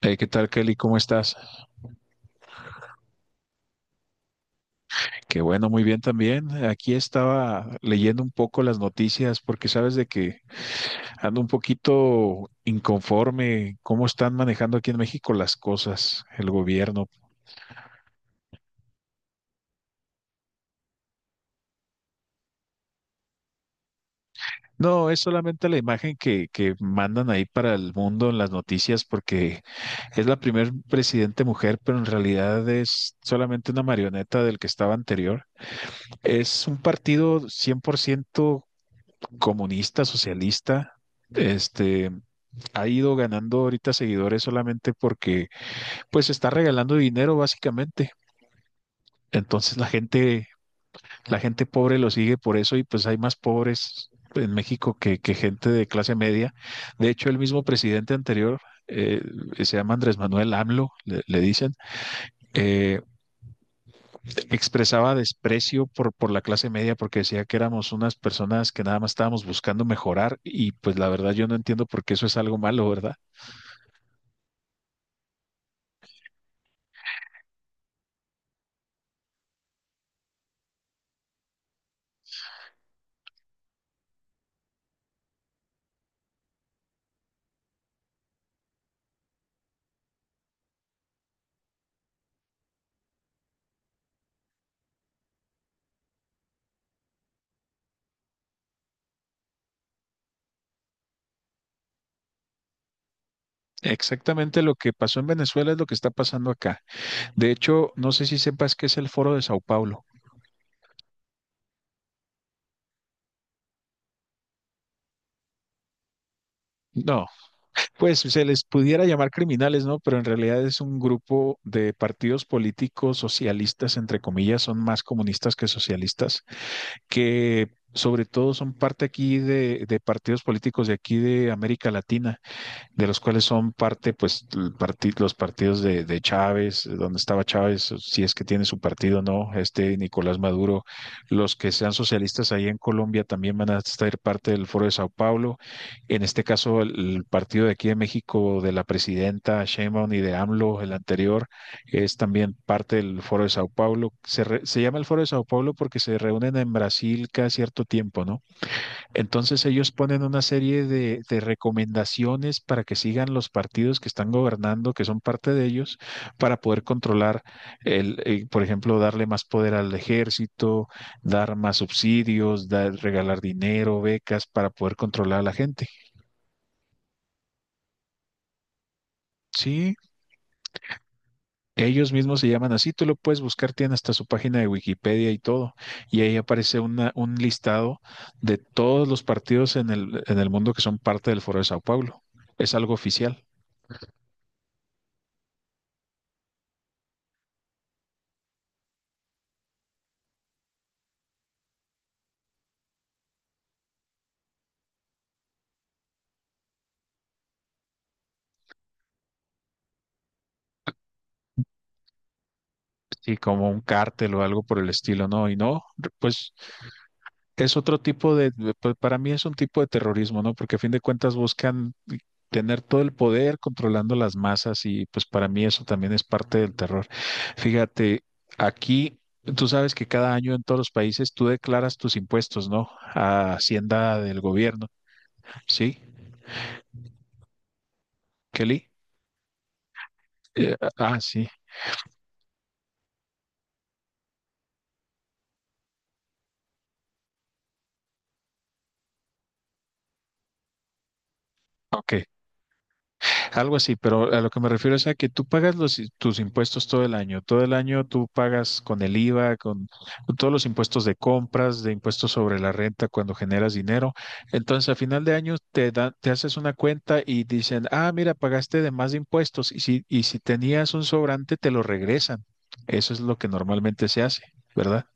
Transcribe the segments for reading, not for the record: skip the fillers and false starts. Hey, ¿qué tal, Kelly? ¿Cómo estás? Qué bueno, muy bien también. Aquí estaba leyendo un poco las noticias porque sabes de que ando un poquito inconforme cómo están manejando aquí en México las cosas, el gobierno. No, es solamente la imagen que mandan ahí para el mundo en las noticias porque es la primer presidente mujer, pero en realidad es solamente una marioneta del que estaba anterior. Es un partido 100% comunista, socialista. Este, Ha ido ganando ahorita seguidores solamente porque pues está regalando dinero básicamente. Entonces la gente pobre lo sigue por eso y pues hay más pobres en México que gente de clase media. De hecho, el mismo presidente anterior eh, se llama Andrés Manuel AMLO, le dicen. eh, Expresaba desprecio por la clase media porque decía que éramos unas personas que nada más estábamos buscando mejorar y pues la verdad yo no entiendo por qué eso es algo malo, ¿verdad? Exactamente lo que pasó en Venezuela es lo que está pasando acá. De hecho, no sé si sepas qué es el Foro de Sao Paulo. No, pues se les pudiera llamar criminales, ¿no? Pero en realidad es un grupo de partidos políticos socialistas, entre comillas, son más comunistas que socialistas, que sobre todo son parte aquí de partidos políticos de aquí de América Latina. De los cuales son parte, pues, los partidos de Chávez, donde estaba Chávez, si es que tiene su partido o no, este Nicolás Maduro. Los que sean socialistas ahí en Colombia también van a estar parte del Foro de Sao Paulo. En este caso el partido de aquí de México, de la presidenta Sheinbaum y de AMLO, el anterior, es también parte del Foro de Sao Paulo. Se se llama el Foro de Sao Paulo porque se reúnen en Brasil cada cierto tiempo, ¿no? Entonces ellos ponen una serie de recomendaciones para que sigan los partidos que están gobernando, que son parte de ellos, para poder controlar, por ejemplo, darle más poder al ejército, dar más subsidios, regalar dinero, becas, para poder controlar a la gente. Sí, ellos mismos se llaman así, tú lo puedes buscar, tienen hasta su página de Wikipedia y todo, y ahí aparece un listado de todos los partidos en el mundo que son parte del Foro de Sao Paulo. Es algo oficial. Sí, como un cártel o algo por el estilo, ¿no? Y no, pues es otro tipo para mí es un tipo de terrorismo, ¿no? Porque a fin de cuentas buscan tener todo el poder controlando las masas y pues para mí eso también es parte del terror. Fíjate, aquí tú sabes que cada año en todos los países tú declaras tus impuestos, ¿no? A Hacienda del gobierno, ¿sí? Kelly. Ah, sí. Ok. Algo así, pero a lo que me refiero es a que tú pagas tus impuestos todo el año. Todo el año tú pagas con el IVA, con todos los impuestos de compras, de impuestos sobre la renta cuando generas dinero. Entonces, a final de año te haces una cuenta y dicen, ah, mira, pagaste de más impuestos, y si tenías un sobrante, te lo regresan. Eso es lo que normalmente se hace, ¿verdad?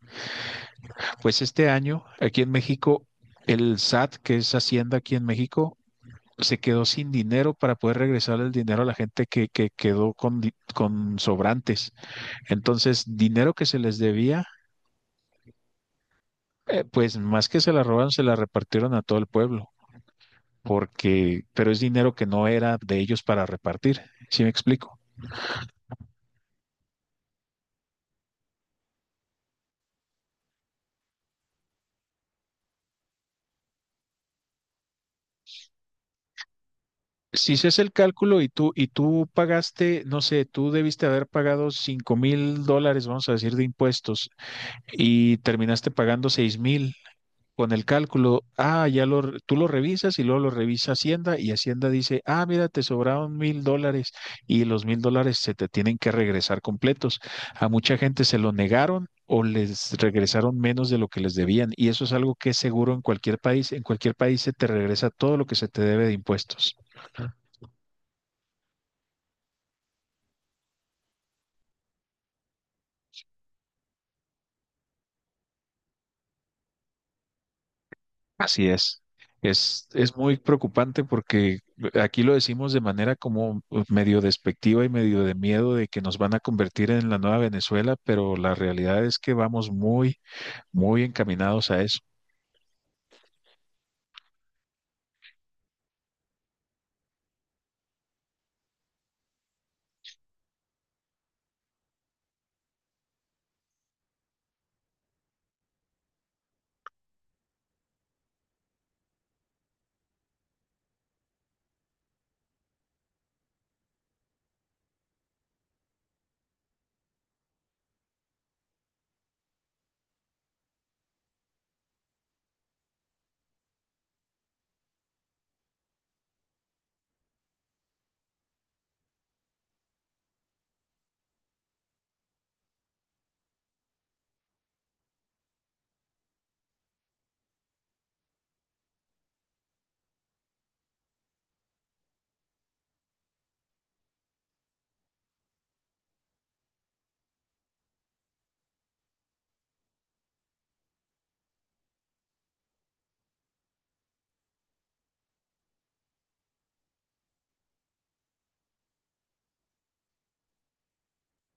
Pues este año, aquí en México, el SAT, que es Hacienda aquí en México, se quedó sin dinero para poder regresar el dinero a la gente que quedó con sobrantes. Entonces, dinero que se les debía, pues más que se la robaron, se la repartieron a todo el pueblo, pero es dinero que no era de ellos para repartir. ¿Sí me explico? Si se hace el cálculo y tú pagaste, no sé, tú debiste haber pagado $5,000, vamos a decir, de impuestos y terminaste pagando 6,000. Con el cálculo, ah, tú lo revisas y luego lo revisa Hacienda y Hacienda dice, ah, mira, te sobraron $1,000 y los mil dólares se te tienen que regresar completos. A mucha gente se lo negaron o les regresaron menos de lo que les debían y eso es algo que es seguro en cualquier país. En cualquier país se te regresa todo lo que se te debe de impuestos. Así es. Es muy preocupante porque aquí lo decimos de manera como medio despectiva y medio de miedo de que nos van a convertir en la nueva Venezuela, pero la realidad es que vamos muy, muy encaminados a eso.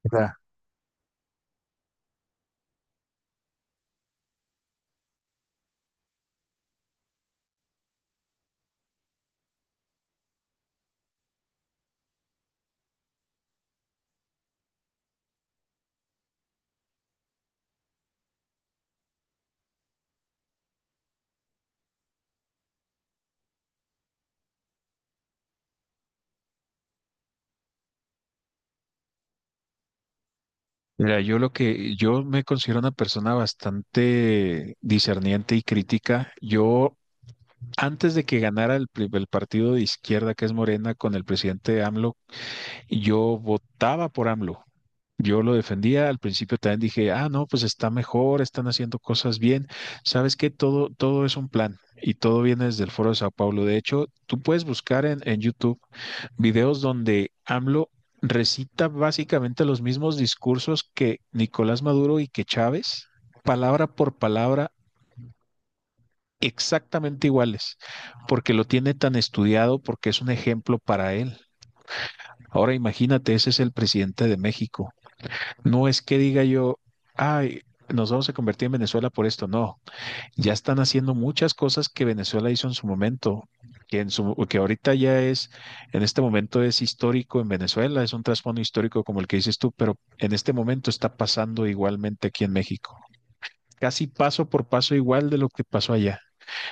Claro. Mira, yo lo que yo me considero una persona bastante discerniente y crítica. Yo, antes de que ganara el partido de izquierda, que es Morena, con el presidente AMLO, yo votaba por AMLO. Yo lo defendía, al principio también dije, ah, no, pues está mejor, están haciendo cosas bien. Sabes que todo es un plan y todo viene desde el Foro de Sao Paulo. De hecho, tú puedes buscar en YouTube videos donde AMLO recita básicamente los mismos discursos que Nicolás Maduro y que Chávez, palabra por palabra, exactamente iguales, porque lo tiene tan estudiado, porque es un ejemplo para él. Ahora imagínate, ese es el presidente de México. No es que diga yo, ay, nos vamos a convertir en Venezuela por esto. No, ya están haciendo muchas cosas que Venezuela hizo en su momento, que, en su, que ahorita ya es, en este momento es histórico en Venezuela, es un trasfondo histórico como el que dices tú, pero en este momento está pasando igualmente aquí en México. Casi paso por paso igual de lo que pasó allá.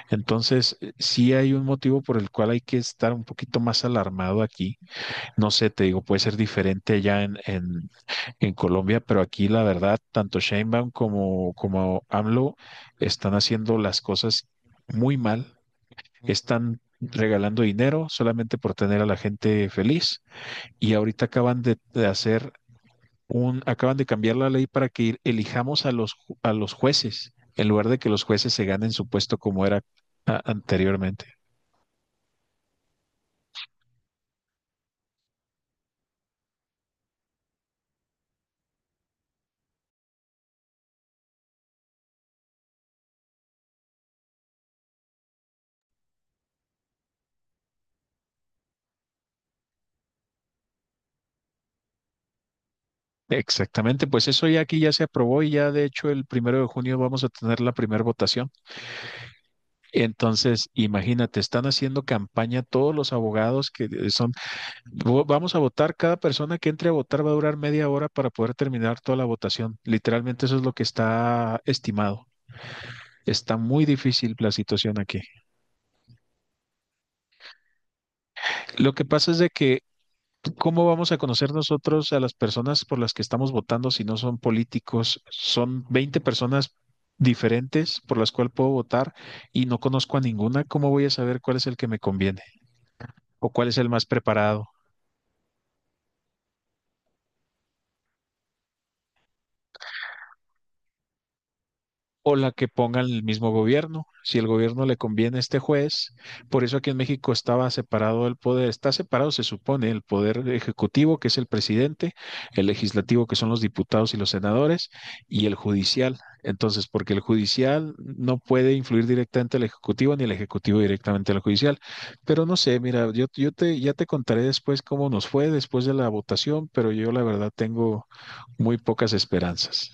Entonces, sí hay un motivo por el cual hay que estar un poquito más alarmado aquí. No sé, te digo, puede ser diferente allá en Colombia, pero aquí la verdad, tanto Sheinbaum como AMLO están haciendo las cosas muy mal, están regalando dinero solamente por tener a la gente feliz y ahorita acaban de hacer acaban de cambiar la ley para que elijamos a a los jueces, en lugar de que los jueces se ganen su puesto como era anteriormente. Exactamente, pues eso ya aquí ya se aprobó y ya de hecho el 1 de junio vamos a tener la primera votación. Entonces, imagínate, están haciendo campaña todos los abogados que son. "Vamos a votar, cada persona que entre a votar va a durar media hora para poder terminar toda la votación. Literalmente eso es lo que está estimado. Está muy difícil la situación aquí. Lo que pasa es de que, ¿cómo vamos a conocer nosotros a las personas por las que estamos votando si no son políticos? Son 20 personas diferentes por las cuales puedo votar y no conozco a ninguna. ¿Cómo voy a saber cuál es el que me conviene o cuál es el más preparado? O la que pongan el mismo gobierno, si el gobierno le conviene a este juez. Por eso aquí en México estaba separado el poder, está separado, se supone, el poder ejecutivo, que es el presidente, el legislativo, que son los diputados y los senadores, y el judicial. Entonces, porque el judicial no puede influir directamente al ejecutivo ni el ejecutivo directamente al judicial. Pero no sé, mira, ya te contaré después cómo nos fue después de la votación, pero yo la verdad tengo muy pocas esperanzas.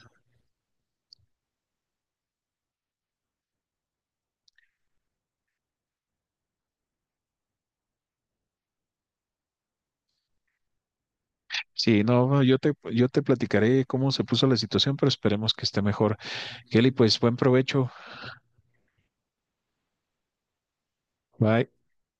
Sí, no, no, yo te platicaré cómo se puso la situación, pero esperemos que esté mejor. Kelly, pues buen provecho. Bye.